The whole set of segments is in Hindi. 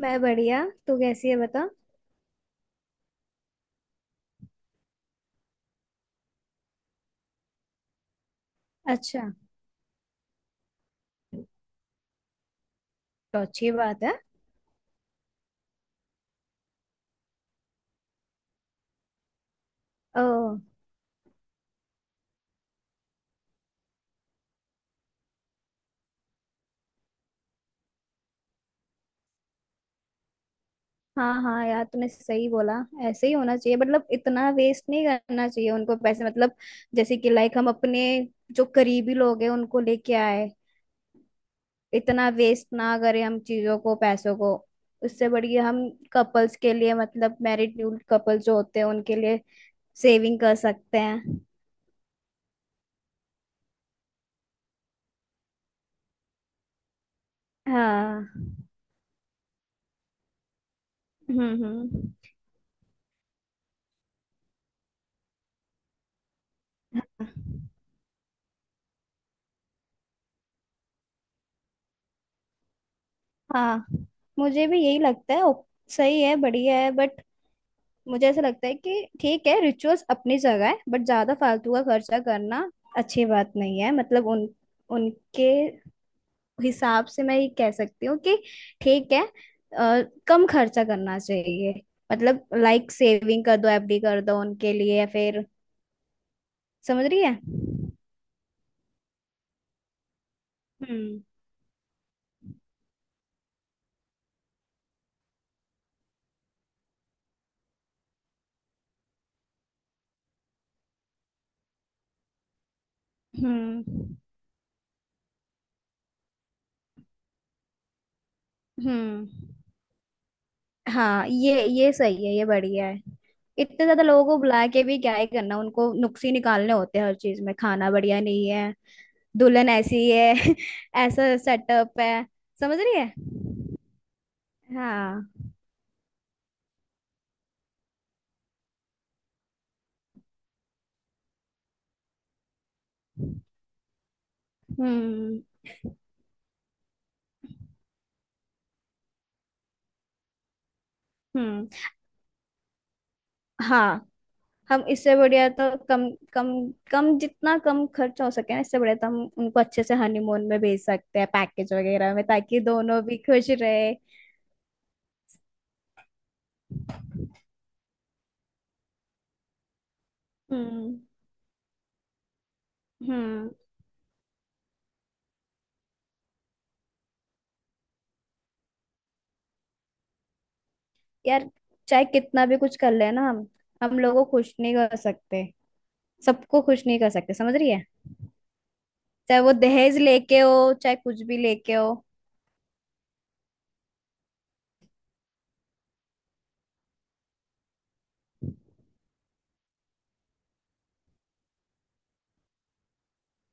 मैं बढ़िया। तू कैसी है बता। अच्छा, तो अच्छी बात है। ओ। हाँ हाँ यार, तूने सही बोला। ऐसे ही होना चाहिए, मतलब इतना वेस्ट नहीं करना चाहिए उनको पैसे, मतलब जैसे कि लाइक हम अपने जो करीबी लोग हैं उनको लेके आए, इतना वेस्ट ना करें हम चीजों को पैसों को। उससे बढ़िया हम कपल्स के लिए, मतलब मैरिड न्यू कपल जो होते हैं उनके लिए सेविंग कर सकते हैं। हाँ। हम्म, हम्म। हाँ, मुझे भी यही लगता है। सही है, बढ़िया है, बट मुझे ऐसा लगता है कि ठीक है, रिचुअल्स अपनी जगह है, बट ज्यादा फालतू का खर्चा करना अच्छी बात नहीं है। मतलब उन उनके हिसाब से मैं ये कह सकती हूँ कि ठीक है, कम खर्चा करना चाहिए। मतलब लाइक सेविंग कर दो, एफडी कर दो उनके लिए, या फिर समझ रही है। हम्म, हम्म, हम्म। हाँ, ये सही है, ये बढ़िया है। इतने ज्यादा लोगों को बुला के भी क्या ही करना, उनको नुक्स ही निकालने होते हैं हर चीज में, खाना बढ़िया नहीं है, दुल्हन ऐसी है ऐसा सेटअप है, समझ रही है। हाँ। हम्म, हम्म। हाँ, हम इससे बढ़िया तो कम कम कम जितना कम खर्च हो सके ना, इससे बढ़िया तो हम उनको अच्छे से हनीमून में भेज सकते हैं, पैकेज वगैरह में, ताकि दोनों भी खुश रहे। हम्म, हम्म। यार चाहे कितना भी कुछ कर ले ना, हम लोगों को खुश नहीं कर सकते, सबको खुश नहीं कर सकते, समझ रही है। चाहे वो दहेज लेके हो, चाहे कुछ भी लेके हो।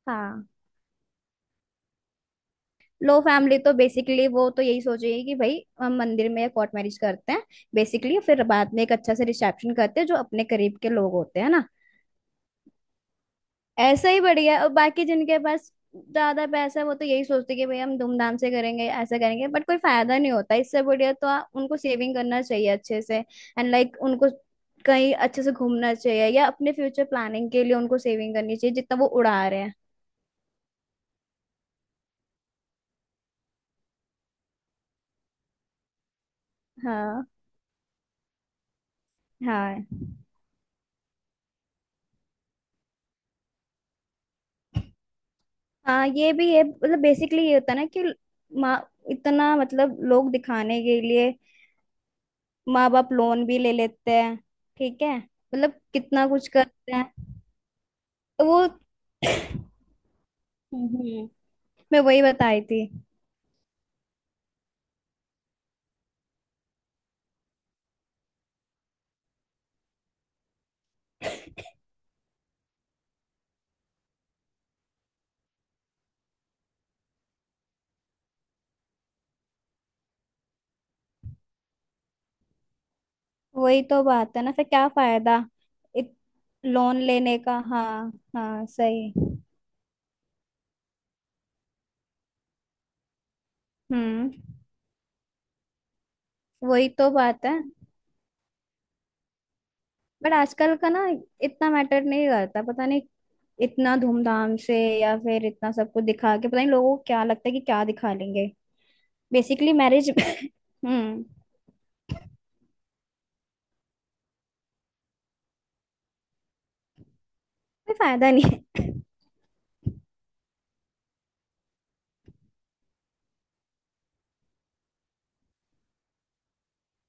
हाँ, लो फैमिली तो बेसिकली वो तो यही सोचेगी कि भाई हम मंदिर में या कोर्ट मैरिज करते हैं। बेसिकली फिर बाद में एक अच्छा से रिसेप्शन करते हैं, जो अपने करीब के लोग होते हैं ना। ऐसा ही बढ़िया है। और बाकी जिनके पास ज्यादा पैसा है वो तो यही सोचते हैं कि भाई हम धूमधाम से करेंगे, ऐसा करेंगे, बट कोई फायदा नहीं होता, इससे बढ़िया तो उनको सेविंग करना चाहिए अच्छे से, एंड लाइक उनको कहीं अच्छे से घूमना चाहिए, या अपने फ्यूचर प्लानिंग के लिए उनको सेविंग करनी चाहिए, जितना वो उड़ा रहे हैं। हाँ, हाँ, हाँ, ये भी है। मतलब बेसिकली ये होता है ना कि माँ इतना, मतलब लोग दिखाने के लिए माँ बाप लोन भी ले लेते हैं। ठीक है, मतलब कितना कुछ करते हैं। तो वो, हम्म। मैं वही बताई थी। वही तो बात है ना, फिर क्या फायदा इत, लोन लेने का। हाँ, हाँ, सही। हम्म। वही तो बात है, बट आजकल का ना इतना मैटर नहीं करता, पता नहीं। इतना धूमधाम से या फिर इतना सब कुछ दिखा के पता नहीं लोगों को क्या लगता है कि क्या दिखा लेंगे। बेसिकली मैरिज हम्म। कोई फायदा नहीं है।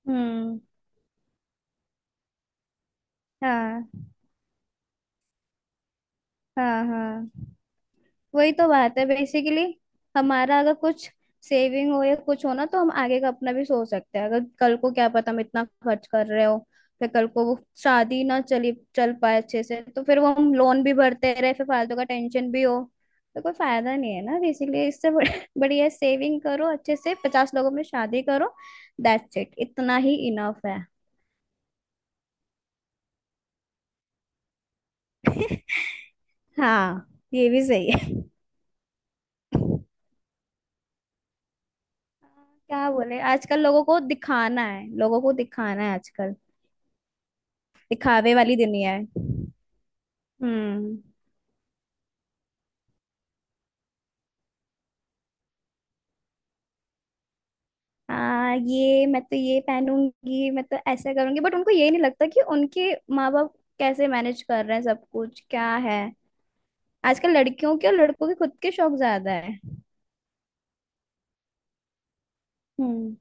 हम्म। हाँ, हाँ, हाँ, वही तो बात है बेसिकली। हमारा अगर कुछ सेविंग हो या कुछ हो ना, तो हम आगे का अपना भी सोच सकते हैं। अगर कल को क्या पता हम इतना खर्च कर रहे हो, फिर कल को वो शादी ना चली चल पाए अच्छे से, तो फिर वो हम लोन भी भरते रहे, फिर फालतू का टेंशन भी हो। तो कोई फायदा नहीं है ना बेसिकली, इससे बढ़िया सेविंग करो अच्छे से, 50 लोगों में शादी करो। दैट्स इट, इतना ही इनफ है। हाँ, ये भी सही है। क्या बोले, आजकल लोगों को दिखाना है, लोगों को दिखाना है आजकल। दिखावे वाली दुनिया है। हम्म। ये मैं तो ये पहनूंगी, मैं तो ऐसा करूंगी, बट उनको ये नहीं लगता कि उनके माँ बाप कैसे मैनेज कर रहे हैं सब कुछ, क्या है। आजकल लड़कियों के और लड़कों के खुद के शौक ज्यादा है। हम्म।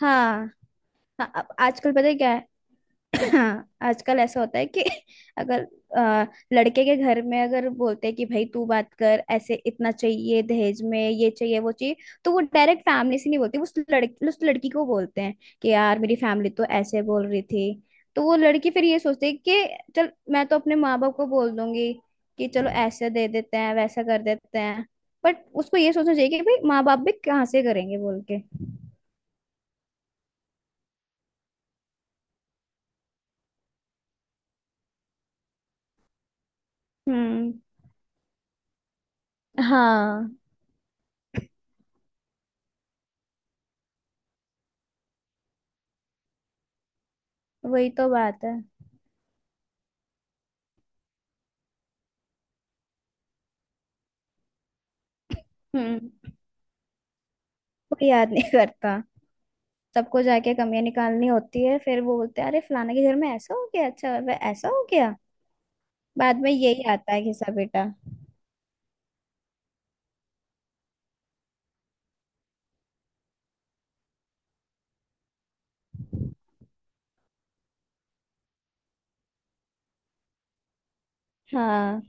हाँ, हाँ, अब आजकल पता है क्या है। हाँ, आजकल ऐसा होता है कि अगर, अ, लड़के के घर में अगर बोलते हैं कि भाई तू बात कर, ऐसे इतना चाहिए दहेज में, ये चाहिए वो चाहिए। तो वो डायरेक्ट फैमिली से नहीं बोलते, उस लड़की को बोलते हैं कि यार मेरी फैमिली तो ऐसे बोल रही थी। तो वो लड़की फिर ये सोचती है कि चल मैं तो अपने माँ बाप को बोल दूंगी कि चलो ऐसे दे देते हैं, वैसा कर देते हैं। बट उसको ये सोचना चाहिए कि भाई माँ बाप भी कहाँ से करेंगे, बोल के। हम्म। हाँ, वही तो बात है। हम्म। कोई याद नहीं करता, सबको जाके कमियां निकालनी होती है। फिर वो बोलते हैं, अरे फलाने के घर में ऐसा हो गया, अच्छा वह ऐसा हो गया। बाद में यही आता है घिसा बेटा। हाँ,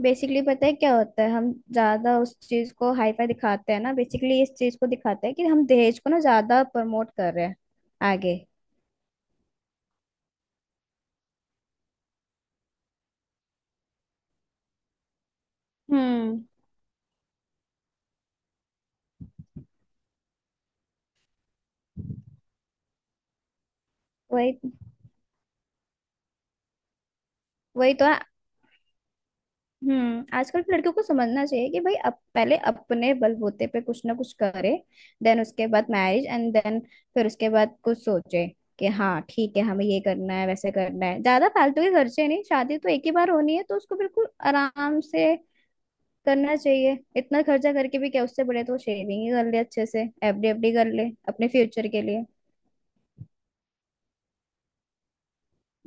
बेसिकली पता है क्या होता है, हम ज्यादा उस चीज को हाईफाई दिखाते हैं ना। बेसिकली इस चीज को दिखाते हैं कि हम दहेज को ना ज्यादा प्रमोट कर रहे हैं आगे। हम्म। वही वही तो है। हम्म। आजकल के लड़कियों को समझना चाहिए कि भाई अब पहले अपने बलबूते पे कुछ ना कुछ करे। देन उसके बाद मैरिज एंड देन, फिर उसके बाद कुछ सोचे कि हाँ ठीक है, हमें ये करना है, वैसे करना है, ज्यादा फालतू के खर्चे नहीं। शादी तो एक ही बार होनी है, तो उसको बिल्कुल आराम से करना चाहिए। इतना खर्चा करके भी क्या, उससे बड़े तो शेविंग ही कर ले अच्छे से, एफडी एफडी कर ले अपने फ्यूचर के लिए।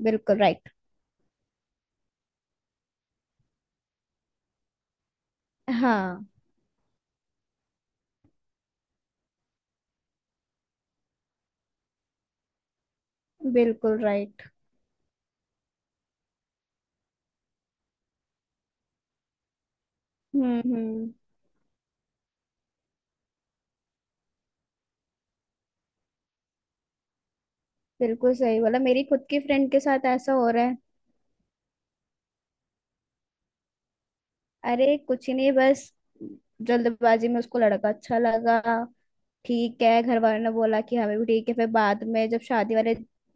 बिल्कुल राइट। हाँ, बिल्कुल राइट। हम्म, हम्म। बिल्कुल सही बोला, मेरी खुद की फ्रेंड के साथ ऐसा हो रहा है। अरे कुछ ही नहीं, बस जल्दबाजी में उसको लड़का अच्छा लगा, ठीक है। घर वालों ने बोला कि हमें भी ठीक है। फिर बाद में जब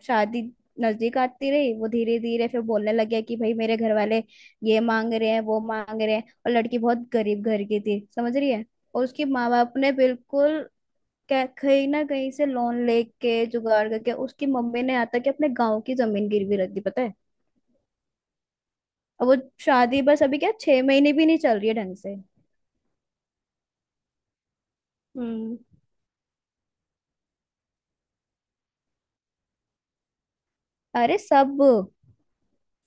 शादी नजदीक आती रही, वो धीरे धीरे फिर बोलने लग गया कि भाई मेरे घर वाले ये मांग रहे हैं, वो मांग रहे हैं। और लड़की बहुत गरीब घर की थी, समझ रही है। और उसके माँ बाप ने बिल्कुल कहीं ना कहीं से लोन लेके जुगाड़ करके, उसकी मम्मी ने आता कि अपने गाँव की जमीन गिरवी रख दी, पता है। अब वो शादी बस अभी क्या 6 महीने भी नहीं चल रही है ढंग से। हम्म। अरे सब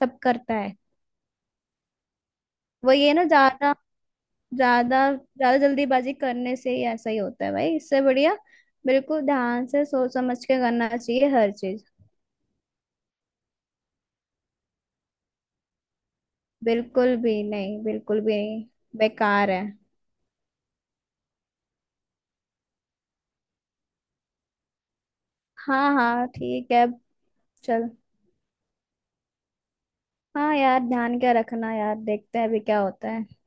सब करता है। वो ये ना ज्यादा ज्यादा ज्यादा जल्दीबाजी करने से ही ऐसा ही होता है, भाई। इससे बढ़िया बिल्कुल ध्यान से सोच समझ के करना चाहिए हर चीज। बिल्कुल भी नहीं, बिल्कुल भी नहीं, बेकार है। हाँ, हाँ ठीक है। चल। हाँ यार, ध्यान क्या रखना यार, देखते हैं अभी क्या होता है।